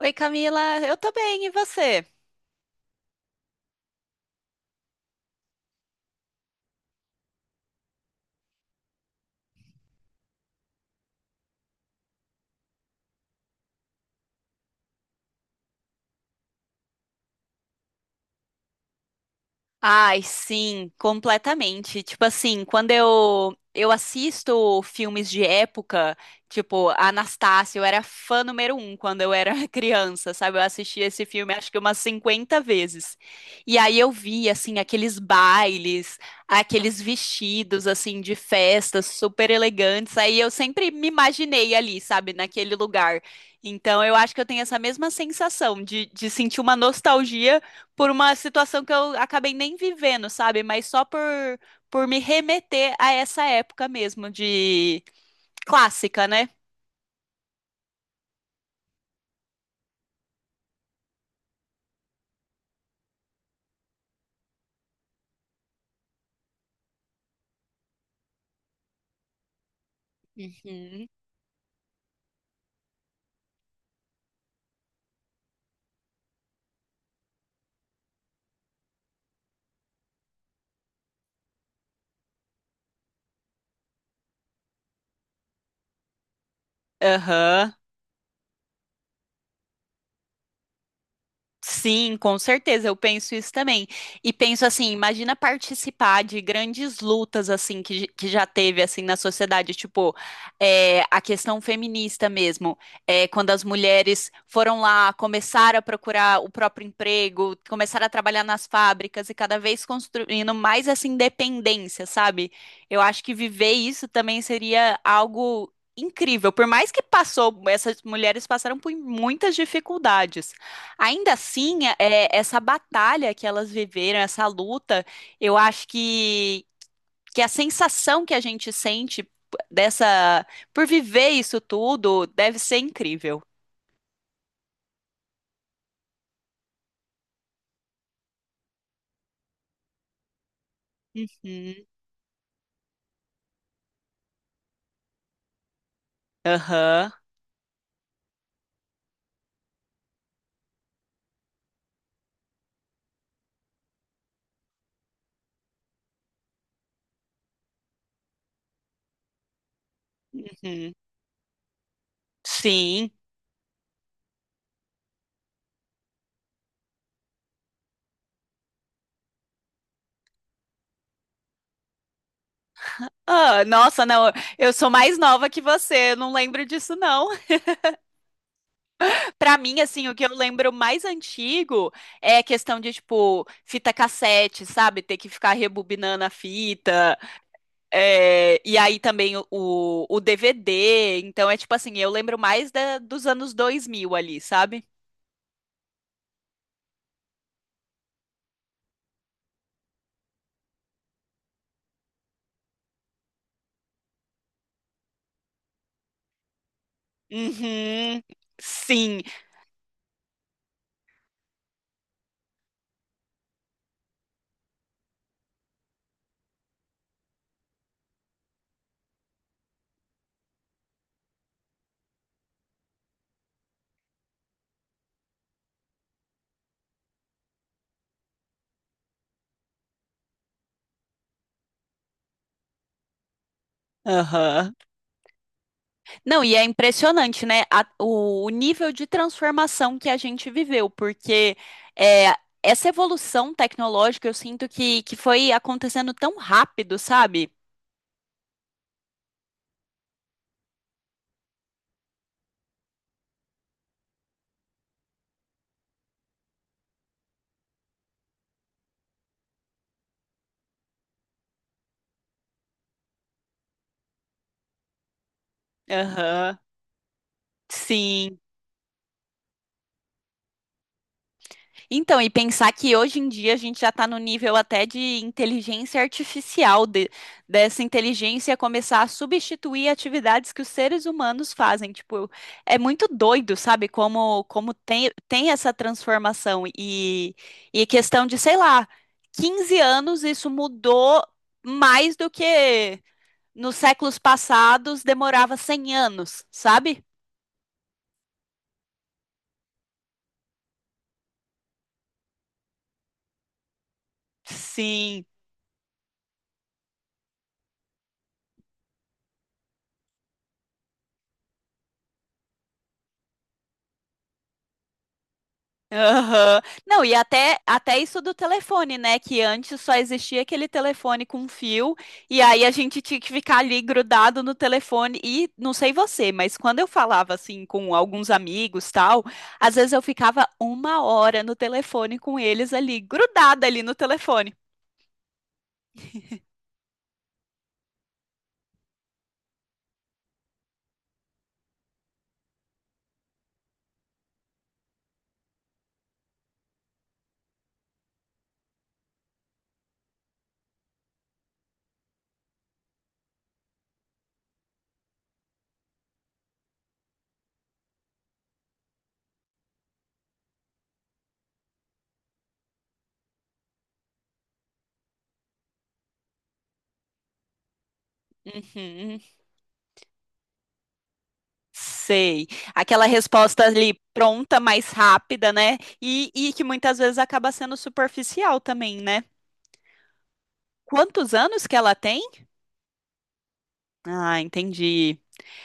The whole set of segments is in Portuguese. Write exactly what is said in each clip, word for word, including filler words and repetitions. Oi, Camila, eu tô bem, e você? Ai, sim, completamente. Tipo assim, quando eu eu assisto filmes de época, tipo Anastácia, eu era fã número um quando eu era criança, sabe? Eu assisti esse filme acho que umas cinquenta vezes. E aí eu vi assim aqueles bailes, aqueles vestidos assim de festas super elegantes. Aí eu sempre me imaginei ali, sabe, naquele lugar. Então eu acho que eu tenho essa mesma sensação de, de sentir uma nostalgia por uma situação que eu acabei nem vivendo, sabe? Mas só por, por me remeter a essa época mesmo de clássica, né? Uhum. Aham. Sim, com certeza, eu penso isso também. E penso assim, imagina participar de grandes lutas assim que, que já teve assim na sociedade, tipo, é, a questão feminista mesmo, é, quando as mulheres foram lá, começaram a procurar o próprio emprego, começaram a trabalhar nas fábricas e cada vez construindo mais essa independência, sabe? Eu acho que viver isso também seria algo incrível, por mais que passou, essas mulheres passaram por muitas dificuldades. Ainda assim, é, essa batalha que elas viveram, essa luta, eu acho que, que a sensação que a gente sente dessa, por viver isso tudo, deve ser incrível. Uhum. Aham. Uhum. Sim. Ah, nossa, não, eu sou mais nova que você, eu não lembro disso não. Pra mim, assim, o que eu lembro mais antigo é a questão de, tipo, fita cassete, sabe? Ter que ficar rebobinando a fita. É, e aí também o, o o D V D, então é tipo assim, eu lembro mais da- dos anos dois mil ali, sabe? Uhum. Sim. Aham. Não, e é impressionante, né? A- o, o nível de transformação que a gente viveu, porque é, essa evolução tecnológica eu sinto que, que foi acontecendo tão rápido, sabe? Aham. Sim. Então, e pensar que hoje em dia a gente já está no nível até de inteligência artificial, de- dessa inteligência começar a substituir atividades que os seres humanos fazem. Tipo, é muito doido, sabe? Como, como tem, tem essa transformação. E, e questão de, sei lá, quinze anos isso mudou mais do que nos séculos passados demorava cem anos, sabe? Sim, aham. Não, e até, até isso do telefone, né? Que antes só existia aquele telefone com fio, e aí a gente tinha que ficar ali grudado no telefone. E não sei você, mas quando eu falava assim com alguns amigos, tal, às vezes eu ficava uma hora no telefone com eles ali, grudada ali no telefone. Uhum, sei. Aquela resposta ali pronta, mais rápida, né? E, e que muitas vezes acaba sendo superficial também, né? Quantos anos que ela tem? Ah, entendi.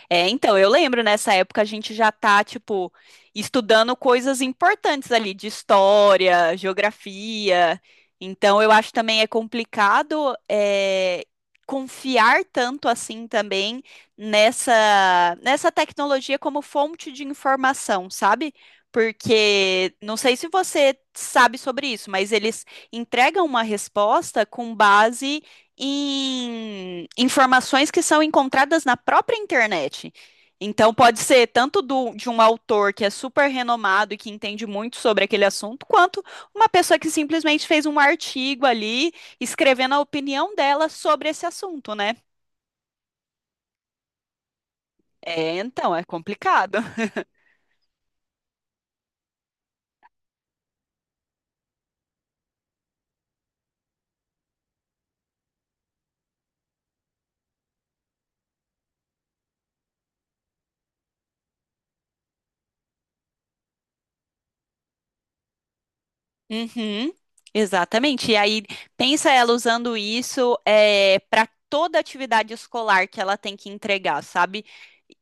É, então, eu lembro nessa época a gente já tá, tipo, estudando coisas importantes ali de história, geografia. Então, eu acho também é complicado é, confiar tanto assim também nessa, nessa tecnologia como fonte de informação, sabe? Porque não sei se você sabe sobre isso, mas eles entregam uma resposta com base em informações que são encontradas na própria internet. Então, pode ser tanto do- de um autor que é super renomado e que entende muito sobre aquele assunto, quanto uma pessoa que simplesmente fez um artigo ali, escrevendo a opinião dela sobre esse assunto, né? É, então, é complicado. Uhum, exatamente. E aí, pensa ela usando isso é, para toda atividade escolar que ela tem que entregar, sabe?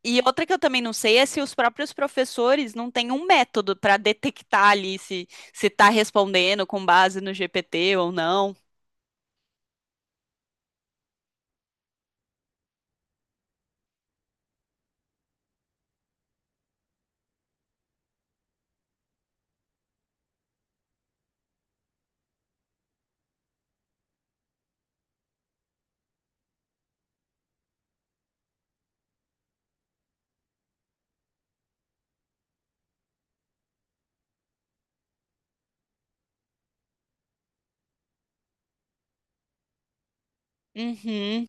E outra que eu também não sei é se os próprios professores não têm um método para detectar ali se se está respondendo com base no G P T ou não. Uhum.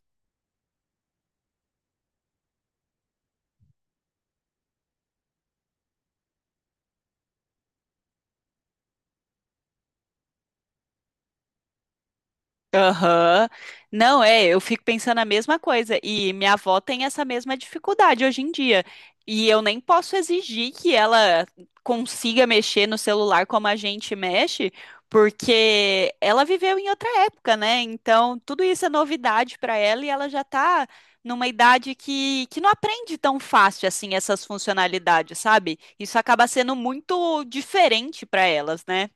Aham. Não, é, eu fico pensando a mesma coisa. E minha avó tem essa mesma dificuldade hoje em dia. E eu nem posso exigir que ela consiga mexer no celular como a gente mexe, porque ela viveu em outra época, né? Então, tudo isso é novidade para ela e ela já tá numa idade que, que não aprende tão fácil assim essas funcionalidades, sabe? Isso acaba sendo muito diferente para elas, né?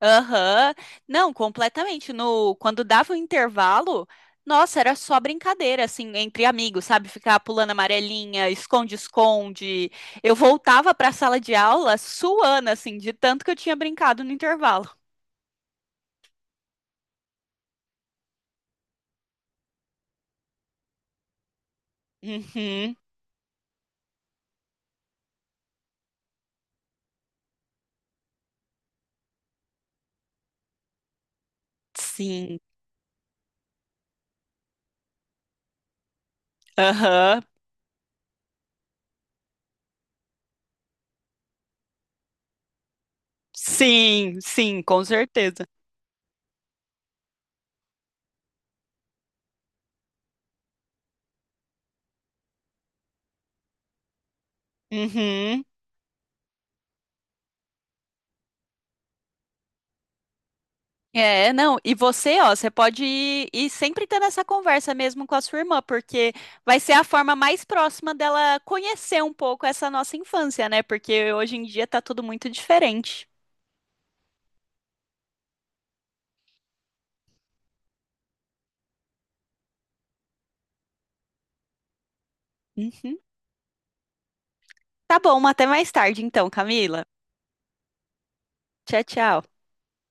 Aham. Não, completamente. No, quando dava o intervalo, nossa, era só brincadeira, assim, entre amigos, sabe? Ficar pulando amarelinha, esconde-esconde. Eu voltava para a sala de aula suando, assim, de tanto que eu tinha brincado no intervalo. Uhum. Sim. Aham. Sim, sim, com certeza. Uhum. É, não, e você, ó, você pode ir, ir sempre tendo essa conversa mesmo com a sua irmã, porque vai ser a forma mais próxima dela conhecer um pouco essa nossa infância, né? Porque hoje em dia tá tudo muito diferente. Uhum. Tá bom, até mais tarde então, Camila. Tchau, tchau.